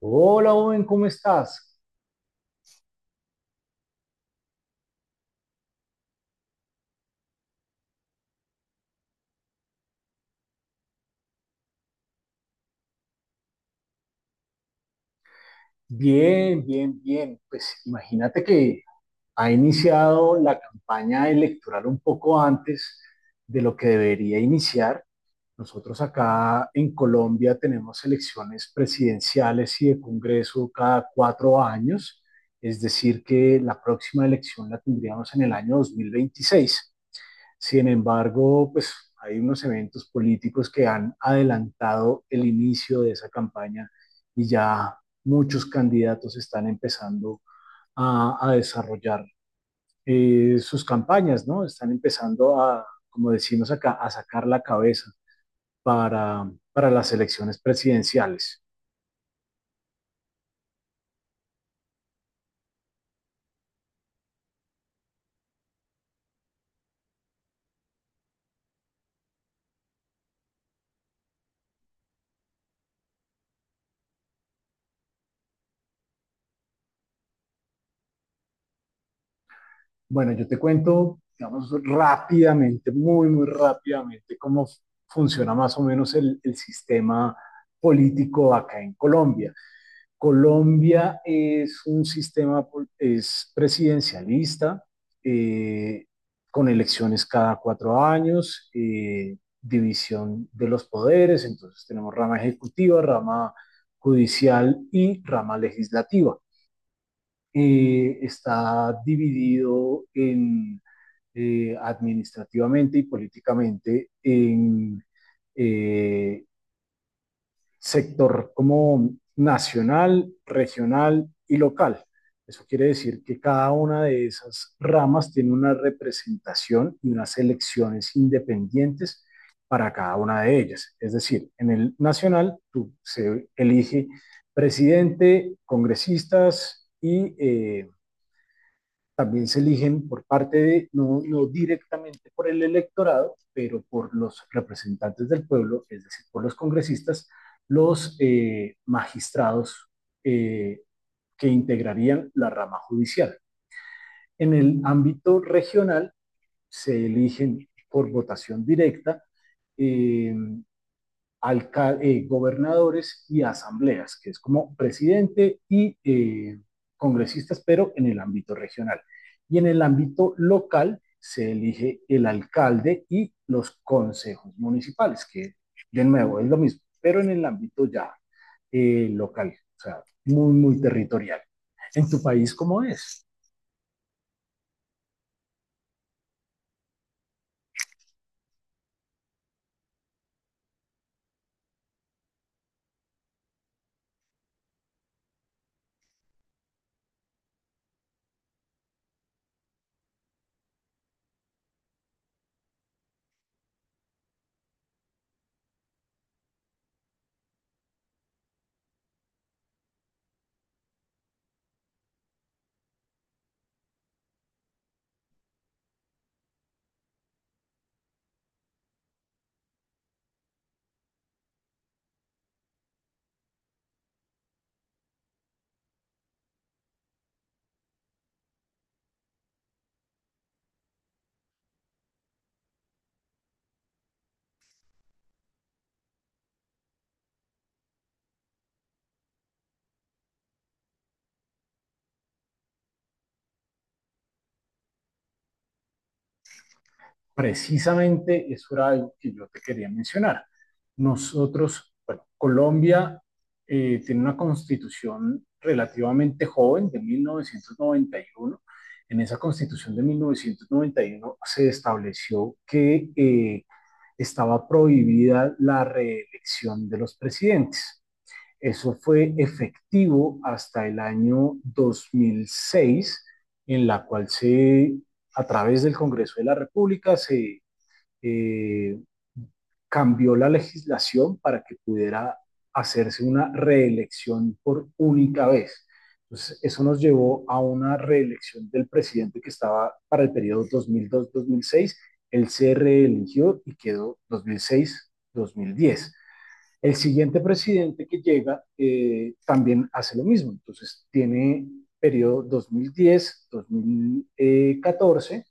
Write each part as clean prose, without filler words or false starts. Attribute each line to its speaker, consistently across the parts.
Speaker 1: Hola, Owen, ¿cómo estás? Bien, bien, bien. Pues imagínate que ha iniciado la campaña electoral un poco antes de lo que debería iniciar. Nosotros acá en Colombia tenemos elecciones presidenciales y de Congreso cada cuatro años, es decir, que la próxima elección la tendríamos en el año 2026. Sin embargo, pues hay unos eventos políticos que han adelantado el inicio de esa campaña y ya muchos candidatos están empezando a desarrollar sus campañas, ¿no? Están empezando a, como decimos acá, a sacar la cabeza para las elecciones presidenciales. Bueno, yo te cuento, digamos, rápidamente, muy, muy rápidamente, cómo funciona más o menos el sistema político acá en Colombia. Colombia es un sistema es presidencialista, eh, con elecciones cada cuatro años, división de los poderes, entonces tenemos rama ejecutiva, rama judicial y rama legislativa. Está dividido administrativamente y políticamente en eh, sector como nacional, regional y local. Eso quiere decir que cada una de esas ramas tiene una representación y unas elecciones independientes para cada una de ellas. Es decir, en el nacional tú se elige presidente, congresistas y también se eligen por parte de, no, no directamente por el electorado, pero por los representantes del pueblo, es decir, por los congresistas, los magistrados eh, que integrarían la rama judicial. En el ámbito regional se eligen por votación directa eh, gobernadores y asambleas, que es como presidente y congresistas, pero en el ámbito regional. Y en el ámbito local se elige el alcalde y los consejos municipales, que de nuevo es lo mismo, pero en el ámbito ya local, o sea, muy, muy territorial. ¿En tu país cómo es? Precisamente eso era algo que yo te quería mencionar. Nosotros, bueno, Colombia tiene una constitución relativamente joven de 1991. En esa constitución de 1991 se estableció que estaba prohibida la reelección de los presidentes. Eso fue efectivo hasta el año 2006, en la cual se, a través del Congreso de la República se eh, cambió la legislación para que pudiera hacerse una reelección por única vez. Entonces, eso nos llevó a una reelección del presidente que estaba para el periodo 2002-2006. Él se reeligió y quedó 2006-2010. El siguiente presidente que llega también hace lo mismo. Entonces tiene periodo 2010-2014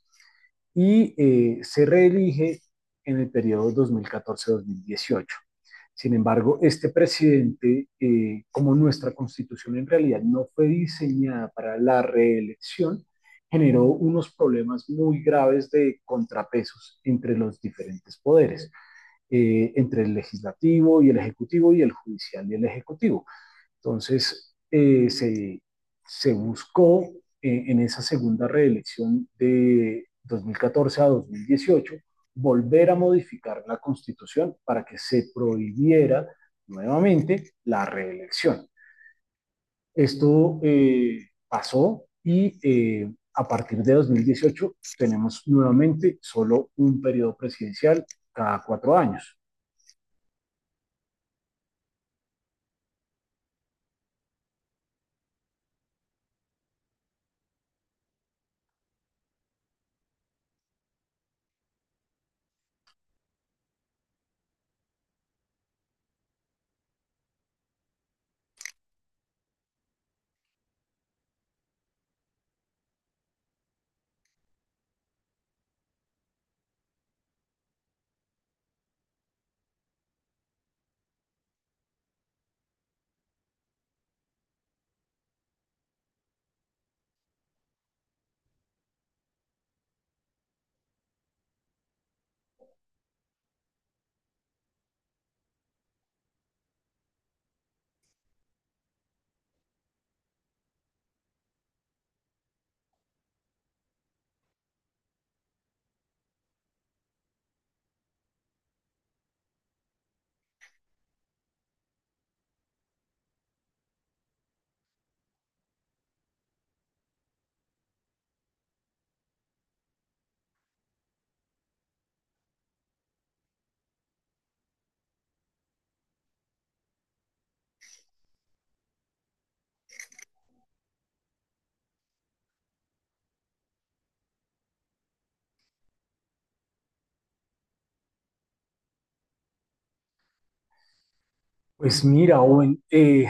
Speaker 1: y se reelige en el periodo 2014-2018. Sin embargo, este presidente, como nuestra constitución en realidad no fue diseñada para la reelección, generó unos problemas muy graves de contrapesos entre los diferentes poderes entre el legislativo y el ejecutivo y el judicial y el ejecutivo. Entonces, se buscó en esa segunda reelección de 2014 a 2018 volver a modificar la constitución para que se prohibiera nuevamente la reelección. Esto pasó y a partir de 2018 tenemos nuevamente solo un periodo presidencial cada cuatro años. Pues mira, Owen,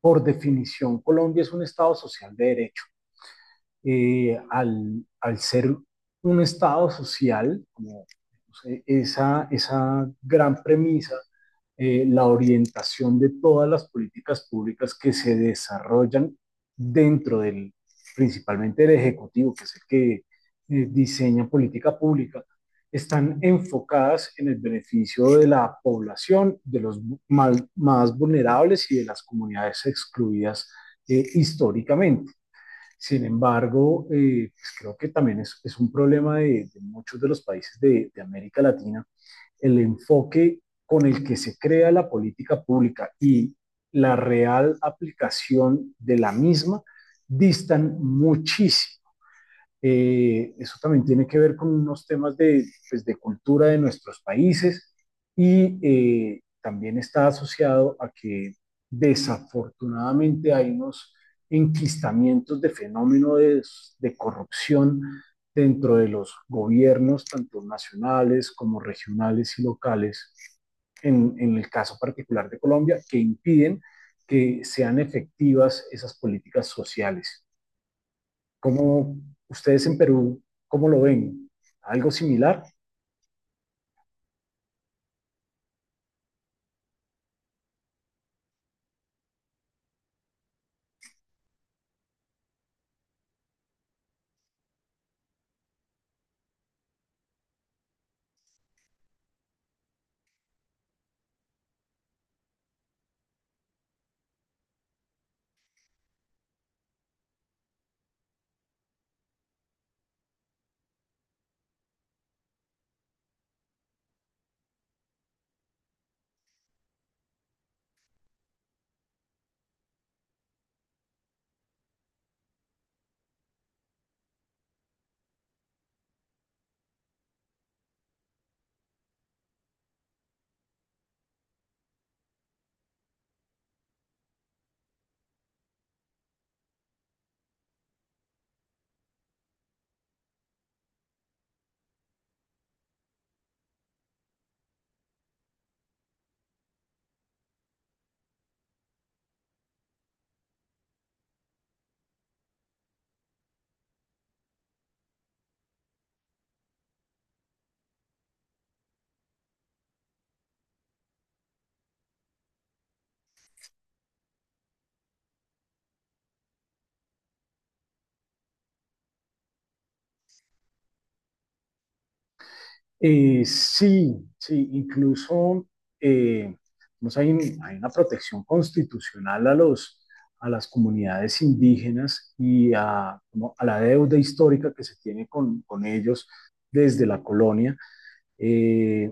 Speaker 1: por definición, Colombia es un estado social de derecho al ser un estado social, como no sé, esa gran premisa, la orientación de todas las políticas públicas que se desarrollan dentro del, principalmente del Ejecutivo, que es el que diseña política pública, están enfocadas en el beneficio de la población, de los más vulnerables y de las comunidades excluidas históricamente. Sin embargo, pues creo que también es un problema de muchos de los países de América Latina, el enfoque con el que se crea la política pública y la real aplicación de la misma distan muchísimo. Eso también tiene que ver con unos temas de, pues, de cultura de nuestros países y también está asociado a que desafortunadamente hay unos enquistamientos de fenómeno de corrupción dentro de los gobiernos, tanto nacionales como regionales y locales, en el caso particular de Colombia, que impiden que sean efectivas esas políticas sociales. ¿Cómo ustedes en Perú, cómo lo ven? ¿Algo similar? Sí, sí, incluso eh, pues hay, un- hay una protección constitucional a los, a las comunidades indígenas y a, como a la deuda histórica que se tiene con ellos desde la colonia. Eh,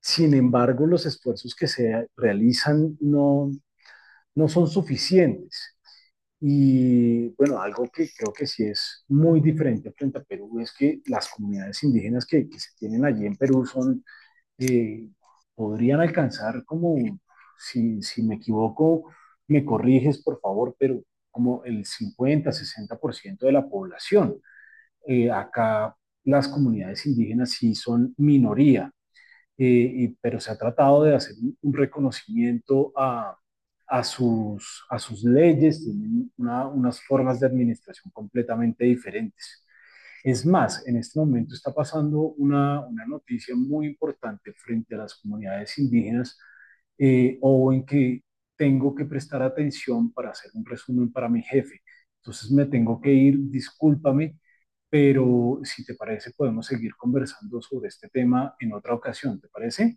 Speaker 1: sin embargo, los esfuerzos que se realizan no, no son suficientes. Y bueno, algo que creo que sí es muy diferente frente a Perú es que las comunidades indígenas que se tienen allí en Perú son, eh, podrían alcanzar como, si, si me equivoco, me corriges por favor, pero como el 50, 60% de la población. Acá las comunidades indígenas sí son minoría y, pero se ha tratado de hacer un reconocimiento a sus leyes, tienen una, unas formas de administración completamente diferentes. Es más, en este momento está pasando una noticia muy importante frente a las comunidades indígenas, o en que tengo que prestar atención para hacer un resumen para mi jefe. Entonces me tengo que ir, discúlpame, pero si te parece podemos seguir conversando sobre este tema en otra ocasión, ¿te parece?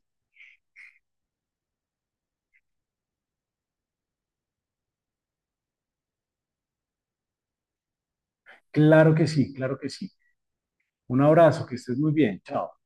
Speaker 1: Claro que sí, claro que sí. Un abrazo, que estés muy bien, chao.